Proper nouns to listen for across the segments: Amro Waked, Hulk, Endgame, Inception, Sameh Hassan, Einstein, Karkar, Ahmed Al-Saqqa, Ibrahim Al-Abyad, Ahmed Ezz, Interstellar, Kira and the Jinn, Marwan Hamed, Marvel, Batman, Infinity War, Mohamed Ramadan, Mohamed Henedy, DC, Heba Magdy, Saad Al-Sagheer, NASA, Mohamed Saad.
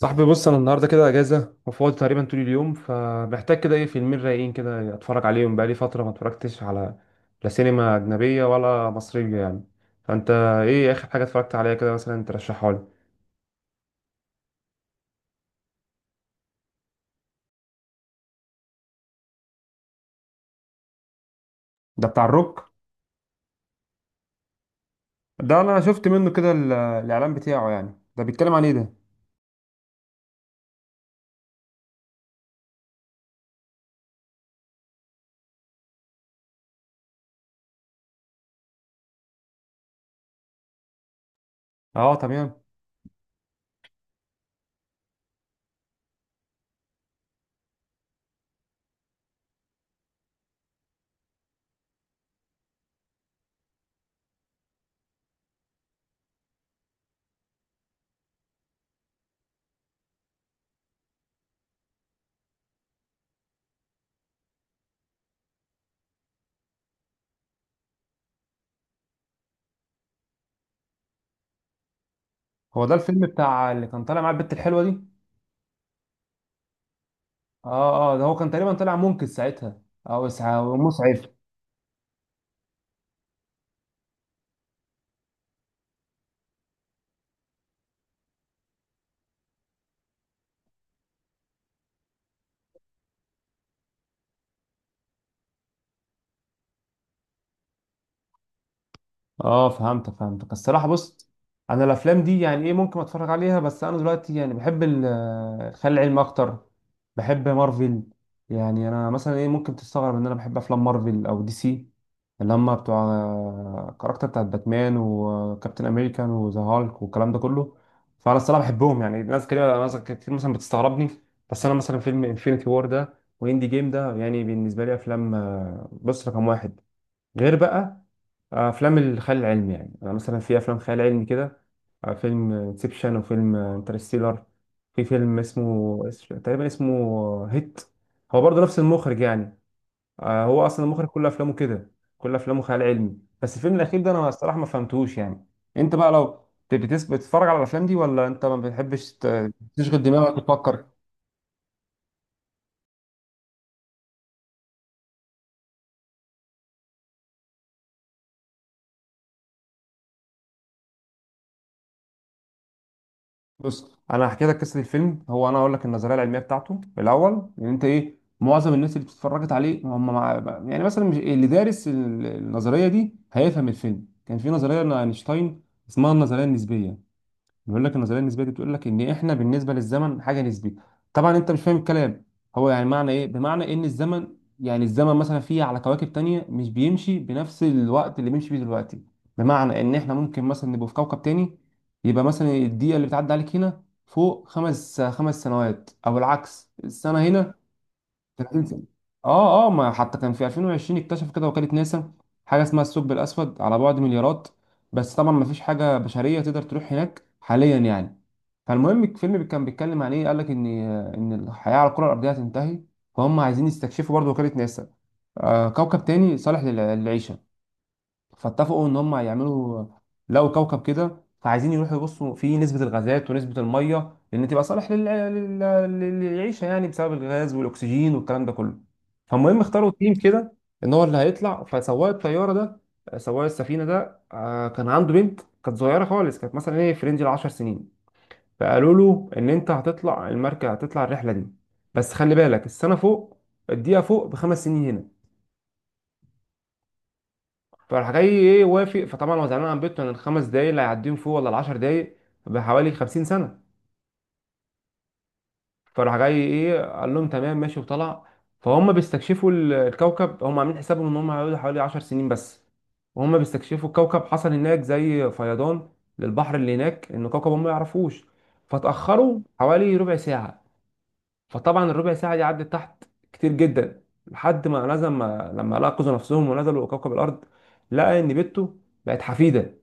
صاحبي بص، انا النهارده كده اجازه وفاضي تقريبا طول اليوم، فمحتاج كده ايه، فيلمين رايقين كده اتفرج عليهم، بقالي فتره ما اتفرجتش على لا سينما اجنبيه ولا مصريه يعني. فانت ايه اخر حاجه اتفرجت عليها كده مثلا ترشحها لي؟ ده بتاع الروك. ده انا شفت منه كده الاعلان بتاعه، يعني ده بيتكلم عن ايه ده؟ اه، تمام. هو ده الفيلم بتاع اللي كان طالع مع البت الحلوه دي؟ اه اه، ده هو كان تقريبا طالع منقذ ساعتها، او مسعف. اه، فهمتك فهمتك. الصراحه بص، انا الافلام دي يعني ايه، ممكن اتفرج عليها، بس انا دلوقتي يعني بحب الخيال العلمي اكتر. بحب مارفل. يعني انا مثلا ايه، ممكن تستغرب ان انا بحب افلام مارفل او دي سي، اللي هم بتوع الكاركتر بتاعت باتمان وكابتن امريكان وذا هالك والكلام ده كله. فانا الصراحه بحبهم، يعني ناس كده، ناس كتير مثلا بتستغربني. بس انا مثلا فيلم انفينيتي وور ده واندي جيم ده، يعني بالنسبه لي افلام، بص رقم واحد، غير بقى افلام الخيال العلمي. يعني انا مثلا في افلام خيال علمي كده، فيلم انسبشن وفيلم انترستيلر. في فيلم اسمه تقريبا اسمه هيت. هو برضه نفس المخرج، يعني هو اصلا المخرج كل افلامه كده، كل افلامه خيال علمي. بس الفيلم الاخير ده انا الصراحه ما فهمتهوش يعني. انت بقى لو بتتفرج على الافلام دي، ولا انت ما بتحبش تشغل دماغك وتفكر؟ بص، انا هحكي لك قصه الفيلم. هو انا اقول لك النظريه العلميه بتاعته الاول، ان انت ايه، معظم الناس اللي اتفرجت عليه هم يعني مثلا مش اللي دارس النظريه دي هيفهم الفيلم. كان في نظريه لاينشتاين اسمها النظريه النسبيه. بيقول لك النظريه النسبيه دي بتقول لك ان احنا بالنسبه للزمن حاجه نسبيه. طبعا انت مش فاهم الكلام، هو يعني معنى ايه؟ بمعنى ان الزمن، يعني الزمن مثلا فيه على كواكب تانية مش بيمشي بنفس الوقت اللي بيمشي فيه دلوقتي. بمعنى ان احنا ممكن مثلا نبقى في كوكب تاني، يبقى مثلا الدقيقه اللي بتعدي عليك هنا فوق خمس سنوات، او العكس، السنه هنا 30 سنة. اه اه، ما حتى كان في 2020 اكتشف كده وكالة ناسا حاجة اسمها الثقب الأسود على بعد مليارات. بس طبعا ما فيش حاجة بشرية تقدر تروح هناك حاليا يعني. فالمهم الفيلم كان بيتكلم عن ايه، قال لك ان ان الحياة على الكرة الأرضية هتنتهي. فهم عايزين يستكشفوا، برضه وكالة ناسا، كوكب تاني صالح للعيشة. فاتفقوا ان هم يعملوا، لقوا كوكب كده، فعايزين يروحوا يبصوا فيه نسبة الغازات ونسبة المية، لان تبقى صالح للعيشة، يعني بسبب الغاز والاكسجين والكلام ده كله. فالمهم اختاروا تيم كده ان هو اللي هيطلع. فسواق الطيارة ده، سواق السفينة ده، كان عنده بنت كانت صغيرة خالص، كانت مثلا ايه في رينج العشر سنين. فقالوا له ان انت هتطلع المركب، هتطلع الرحلة دي، بس خلي بالك السنة فوق، الدقيقة فوق بخمس سنين هنا. فراح جاي ايه، وافق. فطبعا هو زعلان عن بيته، ان الخمس دقايق اللي هيعديهم فيه ولا العشر دقايق بحوالي 50 سنة. فراح جاي ايه قال لهم تمام ماشي وطلع. فهم بيستكشفوا الكوكب، هم عاملين حسابهم ان هم هيقعدوا حوالي 10 سنين بس. وهم بيستكشفوا الكوكب حصل هناك زي فيضان للبحر اللي هناك، ان كوكب هم ما يعرفوش. فتأخروا حوالي ربع ساعة. فطبعا الربع ساعة دي عدت تحت كتير جدا. لحد ما نزل ما لما لقوا نفسهم ونزلوا كوكب الأرض، لقى إن بنته بقت حفيدة.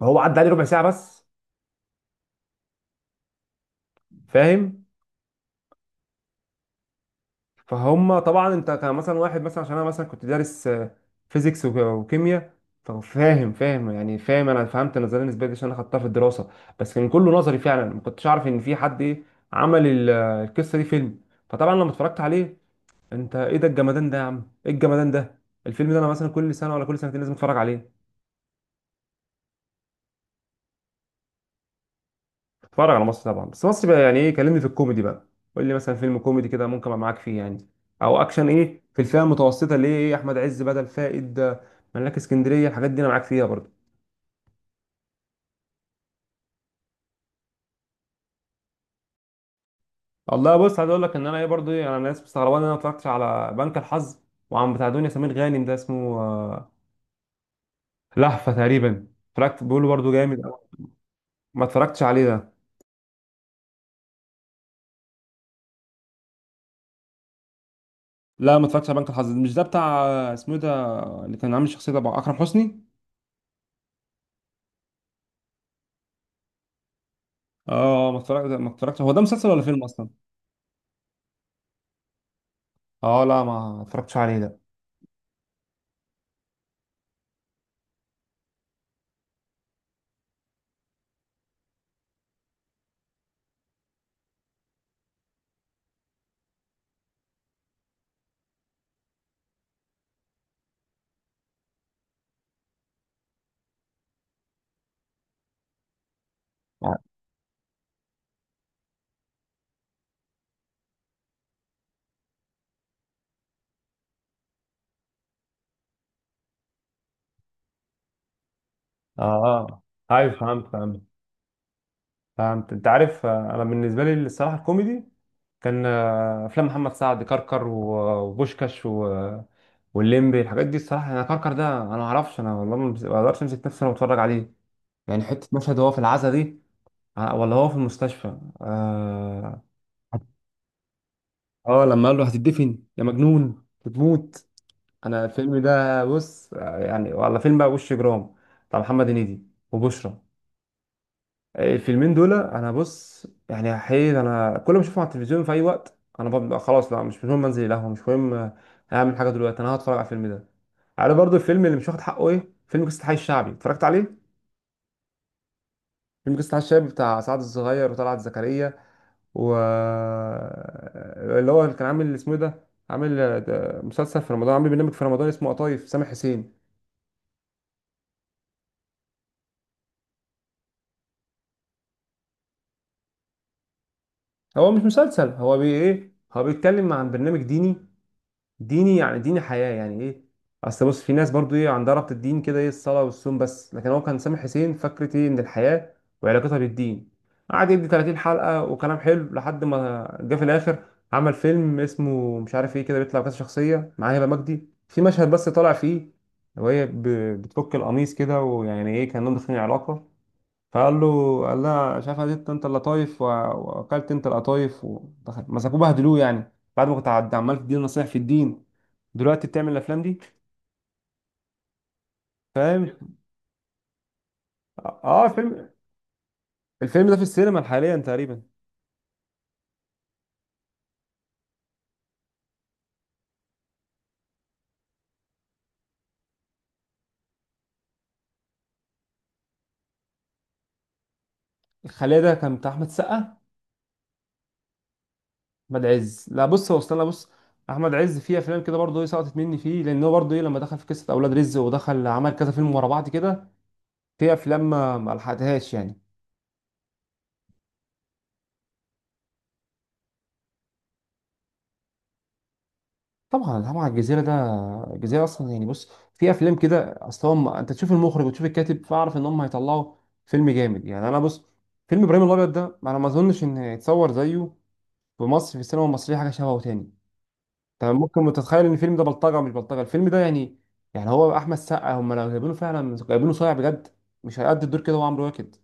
فهو عدى عليه ربع ساعه بس، فاهم؟ فهم طبعا انت كان مثلا واحد مثلا، عشان انا مثلا كنت دارس فيزيكس وكيمياء، فاهم، فاهم يعني، فاهم. انا فهمت النظريه النسبيه دي عشان انا خدتها في الدراسه، بس كان كله نظري. فعلا ما كنتش اعرف ان في حد ايه عمل القصه دي فيلم. فطبعا لما اتفرجت عليه، انت ايه ده الجمدان ده يا عم، ايه الجمدان ده. الفيلم ده انا مثلا كل سنه ولا كل سنتين لازم اتفرج عليه. اتفرج على مصر طبعا، بس مصر بقى يعني ايه، كلمني في الكوميدي بقى. قول لي مثلا فيلم كوميدي كده ممكن ابقى معاك فيه يعني، او اكشن، ايه في الفئه المتوسطه اللي هي ايه، احمد عز بدل فائد، ملاك اسكندريه، الحاجات دي انا معاك فيها برضو. والله بص، عايز اقول لك ان انا ايه برضو ايه، انا الناس مستغربه ان انا ما اتفرجتش على بنك الحظ. وعم بتاع دنيا سمير غانم ده اسمه لهفه تقريبا، اتفرجت، بيقولوا برضو جامد أوي. ما اتفرجتش عليه ده. لا، ما اتفرجتش على بنك الحظ. مش ده بتاع اسمه إيه ده، اللي كان عامل شخصيه ده بقى، اكرم حسني. اه، ما اتفرجت، ما اتفرجتش. هو ده مسلسل ولا فيلم اصلا؟ اه، لا، ما اتفرجتش عليه ده. اه، ايوه، فهمت، فهمت، فهمت. انت عارف انا بالنسبه لي الصراحه الكوميدي كان افلام محمد سعد، كركر وبوشكاش والليمبي، الحاجات دي الصراحه. انا كركر ده انا ما اعرفش، انا والله ما ما اقدرش امسك نفسي وانا بتفرج عليه. يعني حته مشهد وهو في العزا دي، ولا هو في المستشفى، اه، لما قال له هتدفن يا مجنون بتموت. انا الفيلم ده بص، يعني والله فيلم بقى وش جرام، بتاع محمد هنيدي وبشرى. الفيلمين دول انا بص يعني حقيقي، انا كل ما اشوفهم على التلفزيون في اي وقت انا ببقى خلاص، لا مش مهم انزل القهوه، مش مهم اعمل حاجه، دلوقتي انا هتفرج على الفيلم ده. عارف برضو الفيلم اللي مش واخد حقه ايه؟ فيلم قصه الحي الشعبي، اتفرجت عليه؟ فيلم قصه الحي الشعبي بتاع سعد الصغير وطلعت زكريا، و اللي هو اللي كان عامل اسمه إيه ده، عامل ده مسلسل في رمضان، عامل برنامج في رمضان اسمه قطايف، سامح حسين. هو مش مسلسل، هو بي ايه، هو بيتكلم عن برنامج ديني، ديني يعني ديني حياة يعني ايه. اصل بص في ناس برضو ايه عندها ربط الدين كده ايه، الصلاة والصوم بس. لكن هو كان سامح حسين فكرة ايه من الحياة وعلاقتها بالدين. قعد يدي 30 حلقة وكلام حلو، لحد ما جه في الاخر عمل فيلم اسمه مش عارف ايه كده، بيطلع كذا شخصية، معاه هبة مجدي في مشهد بس طالع فيه، وهي بتفك القميص كده، ويعني ايه كانهم داخلين علاقة. فقال له، قال لها شايف انت، انت اللطايف واكلت انت القطايف. مسكوه بهدلوه، يعني بعد ما كنت عمال تديني نصايح في الدين، دلوقتي بتعمل الافلام دي، فاهم. اه فيلم، الفيلم ده في السينما حاليا تقريبا. الخليه ده كان بتاع احمد السقا؟ احمد عز، لا بص هو استنى بص، احمد عز فيه افلام كده برضه ايه سقطت مني فيه، لان هو برضه ايه لما دخل في قصه اولاد رزق ودخل عمل كذا فيلم ورا بعض كده، في افلام ما لحقتهاش يعني. طبعا، طبعا الجزيره ده، الجزيره اصلا يعني بص، في افلام كده اصلا هم انت تشوف المخرج وتشوف الكاتب فاعرف ان هم هيطلعوا فيلم جامد. يعني انا بص، فيلم ابراهيم الابيض ده انا ما اظنش ان يتصور زيه في مصر في السينما المصريه حاجه شبهه تاني. طب ممكن تتخيل ان الفيلم ده بلطجه مش بلطجه، الفيلم ده يعني، يعني هو احمد سقا هم لو جايبينه فعلا جايبينه صايع بجد، مش هيأدي الدور كده هو، عمرو واكد.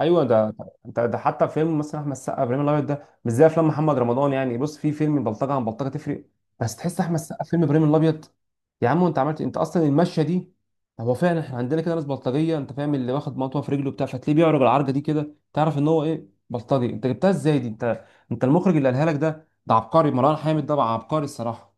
ايوه ده. انت ده حتى فيلم مثلا احمد السقا ابراهيم الابيض ده مش زي افلام محمد رمضان. يعني بص، في فيلم بلطجه عن بلطجه تفرق. بس تحس احمد السقا في فيلم ابراهيم الابيض، يا عم انت عملت، انت اصلا المشيه دي. هو فعلا احنا عندنا كده ناس بلطجيه، انت فاهم، اللي واخد مطوه في رجله بتاع، فتلاقيه بيعرج العرجه دي كده، تعرف ان هو ايه، بلطجي. انت جبتها ازاي دي انت، انت المخرج اللي قالها لك ده ده عبقري، مروان حامد ده بقى عبقري الصراحه.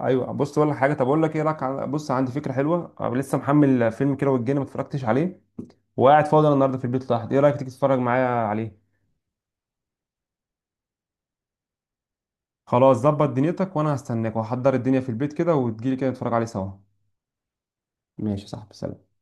ايوه، بص، ولا حاجه، طب اقول لك ايه رايك بص عندي فكره حلوه، أنا لسه محمل فيلم كيرة والجن ما اتفرجتش عليه، وقاعد فاضي أنا النهارده في البيت لوحدي، ايه رأيك تيجي تتفرج معايا عليه؟ خلاص، ظبط دنيتك، وانا هستناك وهحضر الدنيا في البيت كده، وتجيلي كده نتفرج عليه سوا. ماشي يا صاحبي، سلام.